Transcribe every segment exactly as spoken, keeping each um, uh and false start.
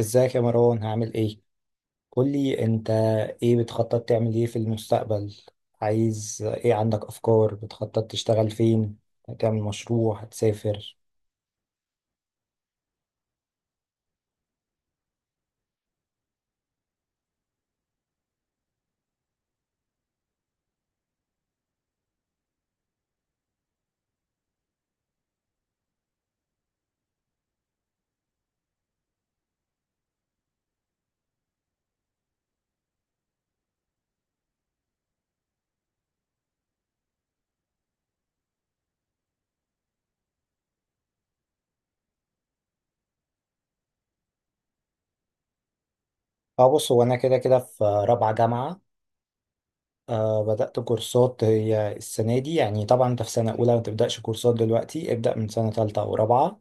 ازيك يا مروان، هعمل ايه؟ قولي انت. ايه بتخطط تعمل ايه في المستقبل؟ عايز ايه؟ عندك افكار؟ بتخطط تشتغل فين؟ هتعمل مشروع؟ هتسافر؟ اه، بص هو انا كده كده في رابعة جامعة. آه، بدأت كورسات هي السنة دي. يعني طبعا انت في سنة اولى ما تبدأش كورسات دلوقتي، ابدأ من سنة تالتة او رابعة.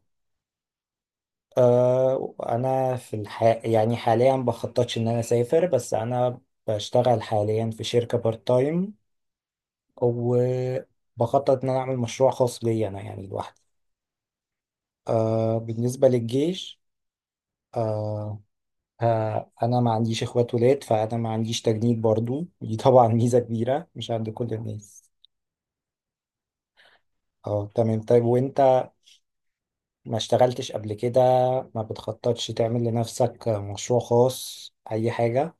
آه، انا في الح... يعني حاليا بخططش ان انا اسافر، بس انا بشتغل حاليا في شركة بارت تايم، وبخطط ان انا اعمل مشروع خاص بيا انا، يعني لوحدي. آه، بالنسبة للجيش. آه. آه، انا ما عنديش اخوات ولاد، فانا ما عنديش تجنيد برضو دي طبعا ميزة كبيرة، مش عند كل الناس. اه تمام. طيب وانت، ما اشتغلتش قبل كده؟ ما بتخططش تعمل لنفسك مشروع خاص، اي حاجة؟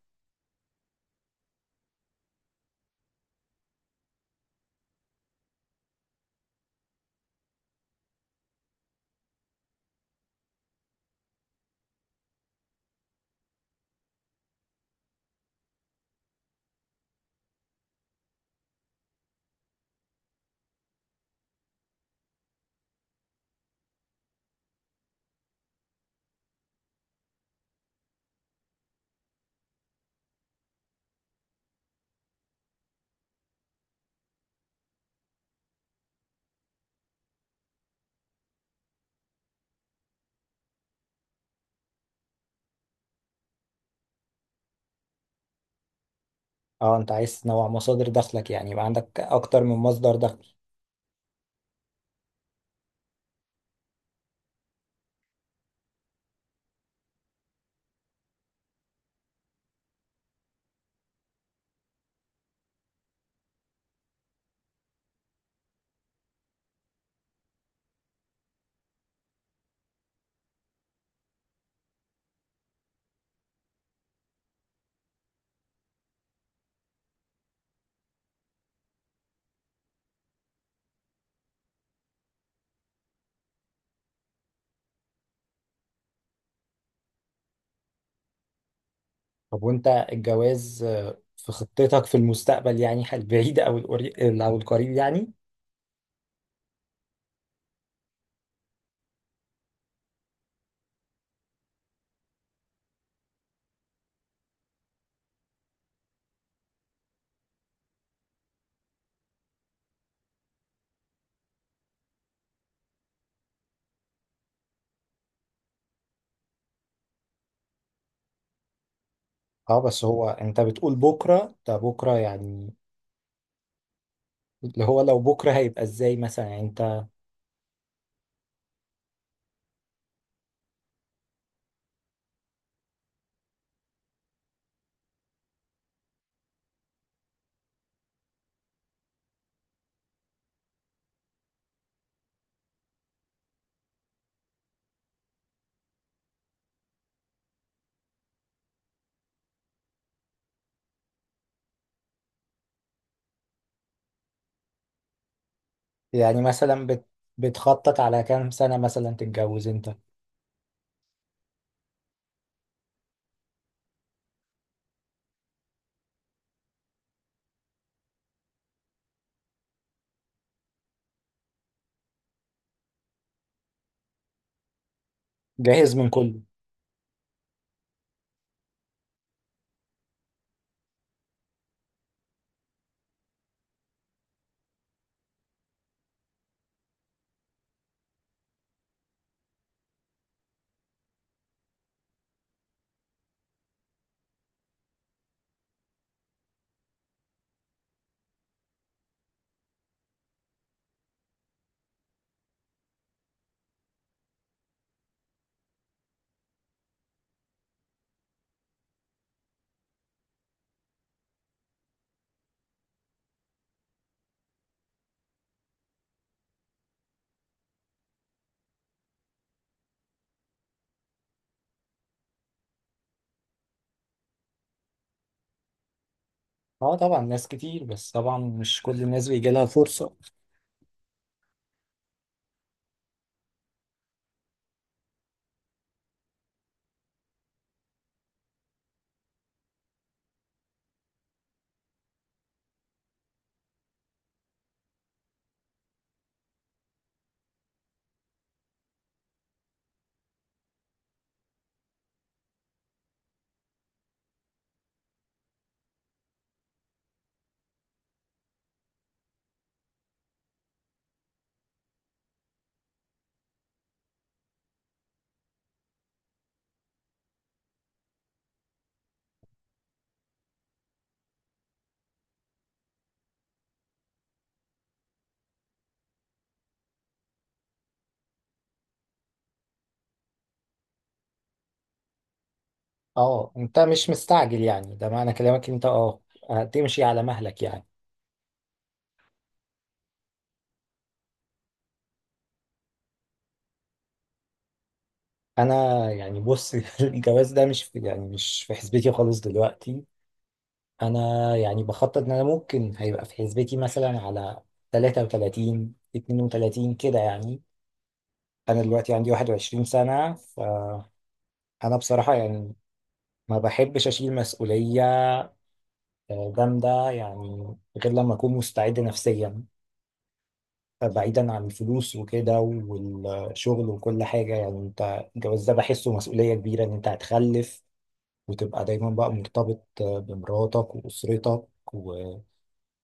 اه، انت عايز تنوع مصادر دخلك، يعني يبقى عندك اكتر من مصدر دخل. طب وانت، الجواز آه، في خطتك في المستقبل، يعني البعيد او القري- او القريب يعني؟ اه، بس هو انت بتقول بكرة، ده بكرة يعني؟ اللي هو لو بكرة هيبقى ازاي مثلا يعني؟ انت يعني مثلا بت بتخطط على كام سنة مثلا تتجوز؟ انت جاهز من كله؟ اه طبعا، ناس كتير، بس طبعا مش كل الناس بيجي لها الفرصة. اه، انت مش مستعجل يعني؟ ده معنى كلامك إن انت اه هتمشي على مهلك يعني؟ انا يعني بص الجواز ده مش في، يعني مش في حسبتي خالص دلوقتي. انا يعني بخطط ان انا ممكن هيبقى في حسبتي مثلا على ثلاثة وثلاثون اثنان وثلاثون كده يعني. انا دلوقتي عندي واحد وعشرين سنة، فانا بصراحة يعني ما بحبش اشيل مسؤولية آه، جامدة، يعني غير لما اكون مستعد نفسيا، بعيدا عن الفلوس وكده والشغل وكل حاجة. يعني انت الجواز ده بحسه مسؤولية كبيرة، ان انت هتخلف وتبقى دايما بقى مرتبط آه، بمراتك واسرتك،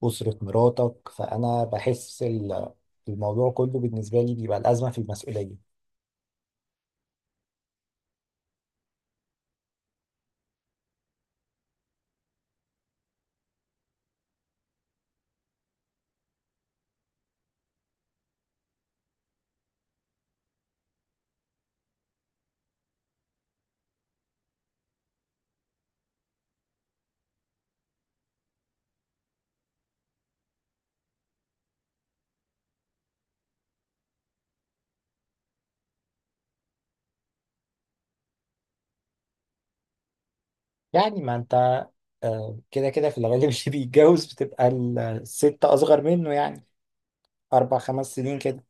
أسرة مراتك. فأنا بحس ال- الموضوع كله بالنسبة لي بيبقى الأزمة في المسؤولية. يعني ما أنت آه، كده كده في الغالب اللي بيتجوز بتبقى الست أصغر منه يعني، أربع خمس سنين كده.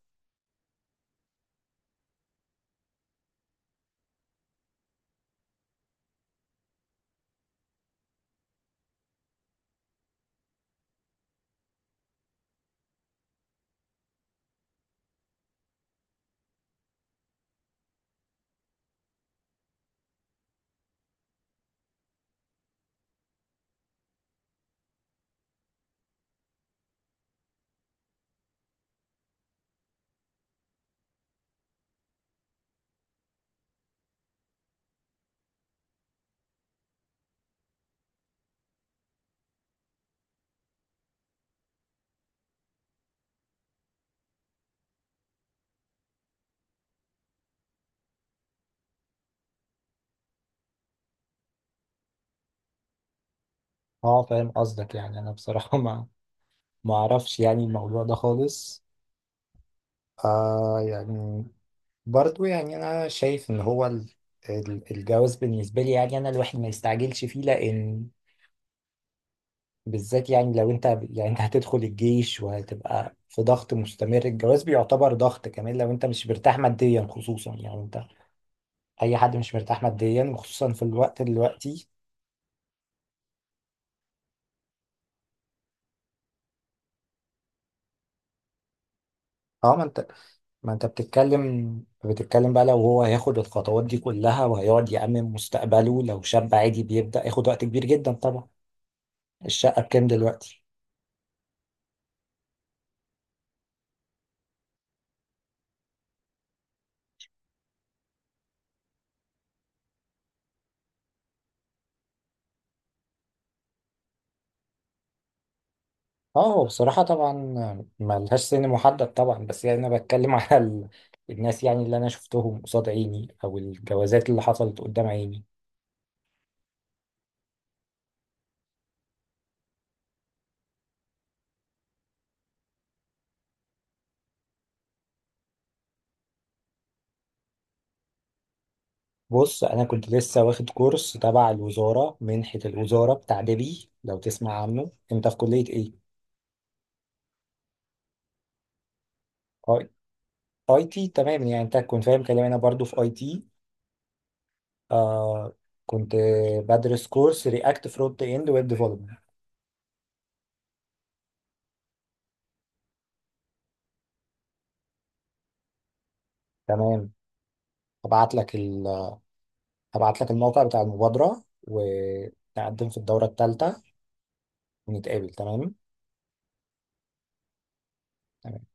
أه فاهم قصدك، يعني أنا بصراحة ما ما أعرفش يعني الموضوع ده خالص. آه يعني، برضو يعني أنا شايف إن هو ال- ال- الجواز بالنسبة لي، يعني أنا الواحد ما يستعجلش فيه، لأن بالذات يعني لو انت، يعني انت هتدخل الجيش وهتبقى في ضغط مستمر، الجواز بيعتبر ضغط كمان لو انت مش مرتاح ماديا خصوصا. يعني انت، اي حد مش مرتاح ماديا، وخصوصا في الوقت دلوقتي. اه، ما انت ما انت بتتكلم بتتكلم بقى، لو هو هياخد الخطوات دي كلها وهيقعد يأمن مستقبله، لو شاب عادي بيبدأ، ياخد وقت كبير جدا طبعا. الشقة بكام دلوقتي؟ اه، هو بصراحة طبعا ملهاش سن محدد طبعا، بس يعني أنا بتكلم على ال... الناس يعني اللي أنا شفتهم قصاد عيني، أو الجوازات اللي حصلت قدام عيني. بص، أنا كنت لسه واخد كورس تبع الوزارة، منحة الوزارة بتاع دبي، لو تسمع عنه. أنت في كلية إيه؟ أي أي تي تمام. يعني أنت كنت فاهم كلامي، أنا برضو في أي تي. آه، كنت بدرس كورس رياكت فرونت إند ويب ديفلوبمنت. تمام. هبعت لك ال... هبعت لك الموقع بتاع المبادرة، و تقدم في الدورة الثالثة، نتقابل. تمام. تمام.